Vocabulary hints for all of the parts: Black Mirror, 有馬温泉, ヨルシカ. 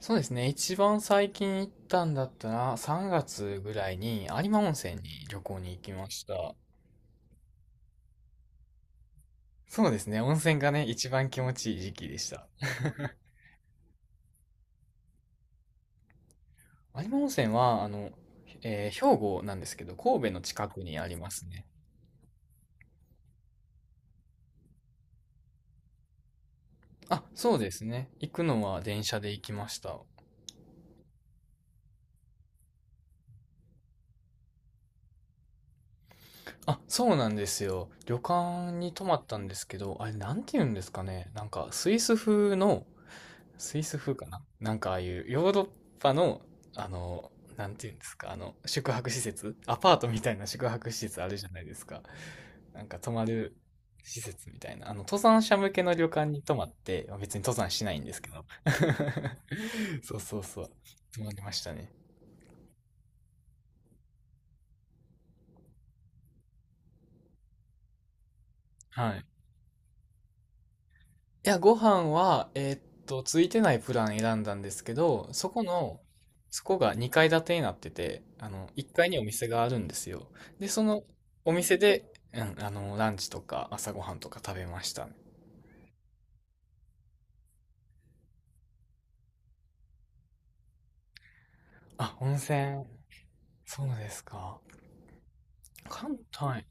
そうですね。一番最近行ったんだったら、3月ぐらいに有馬温泉に旅行に行きました。そうですね。温泉がね、一番気持ちいい時期でした。有馬温泉は、あの、兵庫なんですけど、神戸の近くにありますね。あ、そうですね。行くのは電車で行きました。あ、そうなんですよ。旅館に泊まったんですけど、あれ、なんて言うんですかね。なんか、スイス風かななんかああいうヨーロッパの、あの、なんていうんですか、あの、宿泊施設アパートみたいな宿泊施設あるじゃないですか。なんか泊まる施設みたいな。あの、登山者向けの旅館に泊まって、まあ別に登山しないんですけど。そうそうそう。泊まりましたね。はい。いや、ご飯は、ついてないプラン選んだんですけど、そこが2階建てになってて、あの、1階にお店があるんですよ。で、そのお店で、うん、あの、ランチとか朝ごはんとか食べましたね。あ、温泉。そうですか。関東、はい。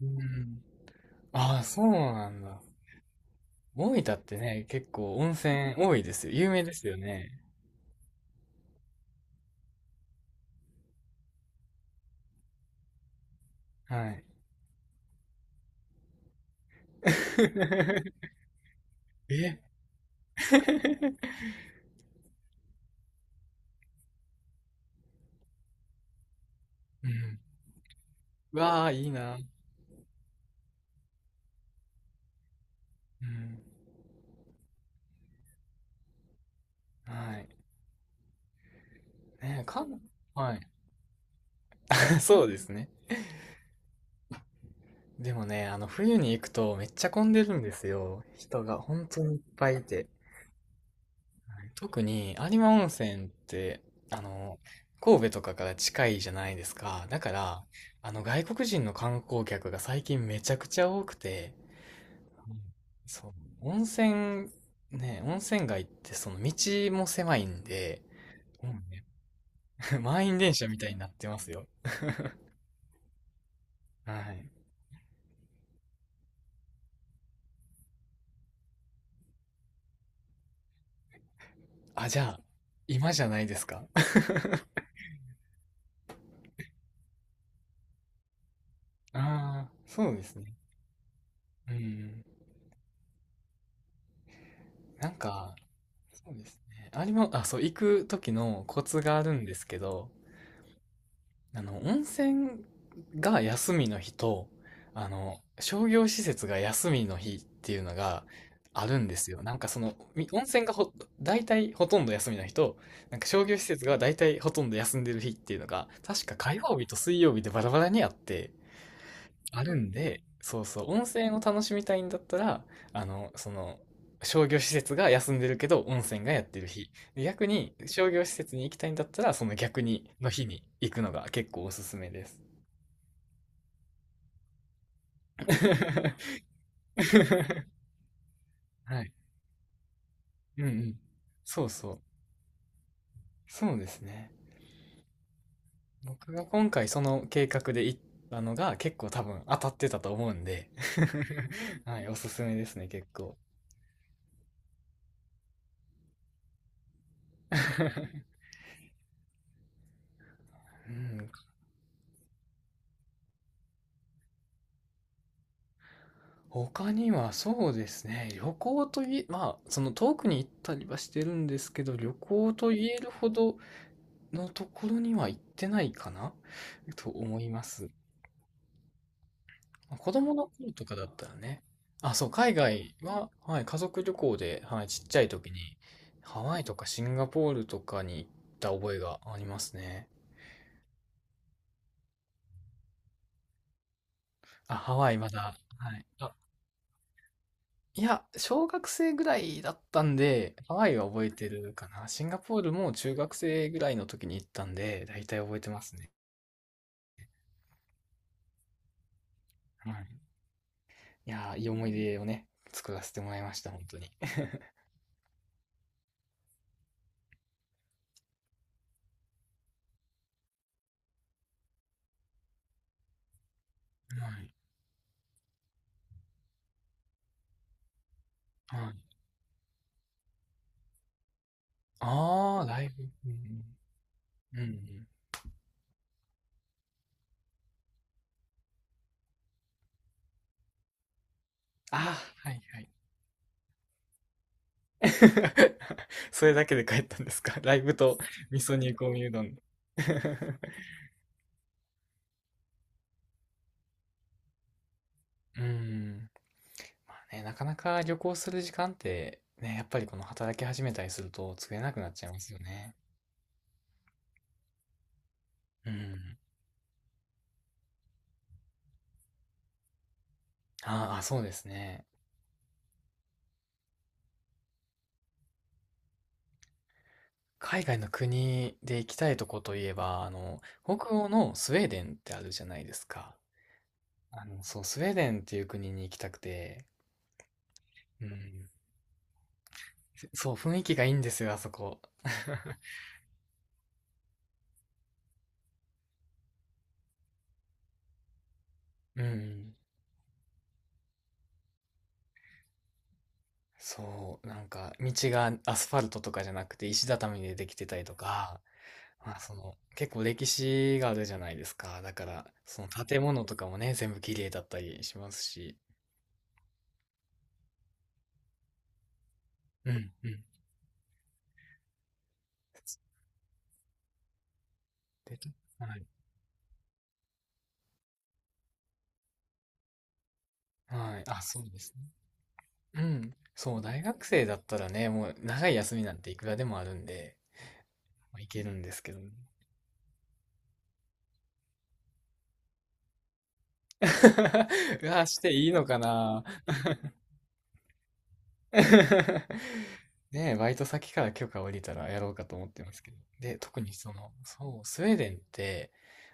うん。ああ、そうなんだ。大分ってね、結構温泉多いですよ。有名ですよね。はい。え。 うん。うわあ、いいな。うん。はい。ねえ、はい。そうですね。でもね、あの、冬に行くとめっちゃ混んでるんですよ。人が本当にいっぱいいて。特に有馬温泉って、あの、神戸とかから近いじゃないですか。だから、あの、外国人の観光客が最近めちゃくちゃ多くて、うん、そう、温泉、ね、温泉街ってその道も狭いんで、もうね、 満員電車みたいになってますよ。はい。あ、じゃあ、今じゃないですか。ああ、そうですね。うん。なんか、そうですね。ありま、あ、そう、行く時のコツがあるんですけど、あの、温泉が休みの日と、あの、商業施設が休みの日っていうのがあるんですよ。なんかその、み温泉がほ、大体ほとんど休みの日と、なんか商業施設が大体ほとんど休んでる日っていうのが、確か火曜日と水曜日でバラバラにあって、あるんで、そうそう、温泉を楽しみたいんだったら、あの、その、商業施設が休んでるけど、温泉がやってる日。で逆に、商業施設に行きたいんだったら、その逆に、の日に行くのが結構おすすめです。はい。うんうん。そうそう。そうですね。僕が今回その計画で行ったのが結構多分当たってたと思うんで、 はい、おすすめですね、結構。うん。他にはそうですね、旅行といえ、まあ、その遠くに行ったりはしてるんですけど、旅行と言えるほどのところには行ってないかなと思います。まあ子供の頃とかだったらね、あ、そう、海外は、はい、家族旅行で、はい、ちっちゃい時に、ハワイとかシンガポールとかに行った覚えがありますね。あ、ハワイまだ、はい。いや、小学生ぐらいだったんで、ハワイは覚えてるかな。シンガポールも中学生ぐらいの時に行ったんで、大体覚えてますね。はい。いやー、いい思い出をね、作らせてもらいました、本当に。はい。はい。ああ、ライブ。うんうん。うんうん。ああ、はいはい。それだけで帰ったんですか？ライブと味噌煮込みうどん。うん。まあね、なかなか旅行する時間って、ね、やっぱりこの働き始めたりすると作れなくなっちゃいますよね。うん。ああ、そうですね。海外の国で行きたいとこといえば、あの、北欧のスウェーデンってあるじゃないですか。あの、そう、スウェーデンっていう国に行きたくて、うん。そう、雰囲気がいいんですよ、あそこ。うん。そう、なんか、道がアスファルトとかじゃなくて石畳でできてたりとか、まあ、その、結構歴史があるじゃないですか。だから、その建物とかもね、全部綺麗だったりしますし。うん、うん。で、はいはい。あ、そうですね。うん。そう、大学生だったらね、もう長い休みなんていくらでもあるんで、まあ、いけるんですけどね。うわ、していいのかな。 ねえ、バイト先から許可下りたらやろうかと思ってますけど。で、特にその、そう、スウェーデンって、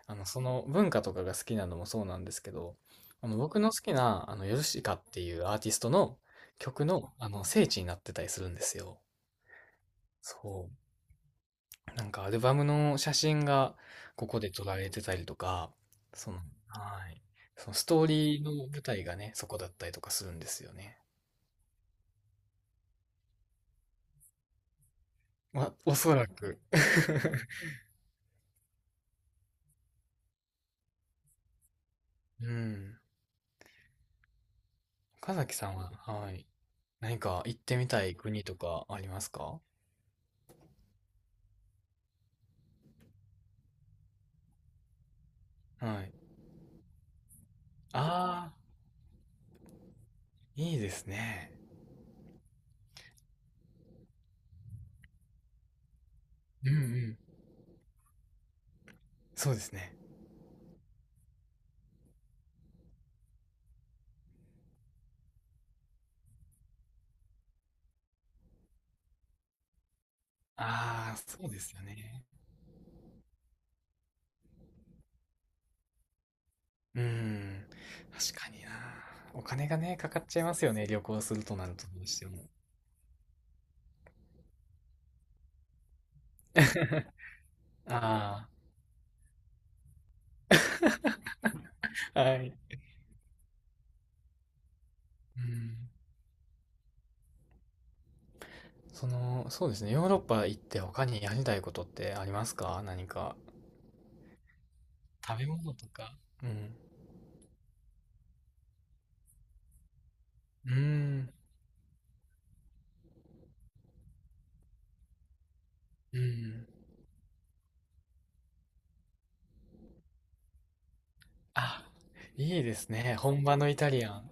あの、その文化とかが好きなのもそうなんですけど、あの、僕の好きな、あの、ヨルシカっていうアーティストの曲の、あの、聖地になってたりするんですよ。そう。なんかアルバムの写真がここで撮られてたりとか、その、はい。そのストーリーの舞台がね、そこだったりとかするんですよね。ま、おそらく。うん。岡崎さんは、はい。何か行ってみたい国とかありますか？はい。ああ、いいですね。うんうん。そうですね。ああ、そうですよね。うん。確かにな。お金がね、かかっちゃいますよね。旅行するとなるとどうしても。ああ、はい。うん。その、そうですね。ヨーロッパ行って他にやりたいことってありますか？何か。食べ物とか。うん。うーん。うん。あ、いいですね。本場のイタリアン。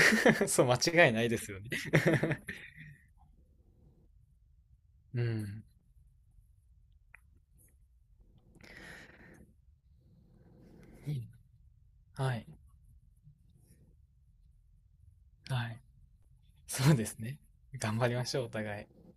そう、間違いないですよね。うん。いいな。はい。はい。そうですね。頑張りましょう、お互い。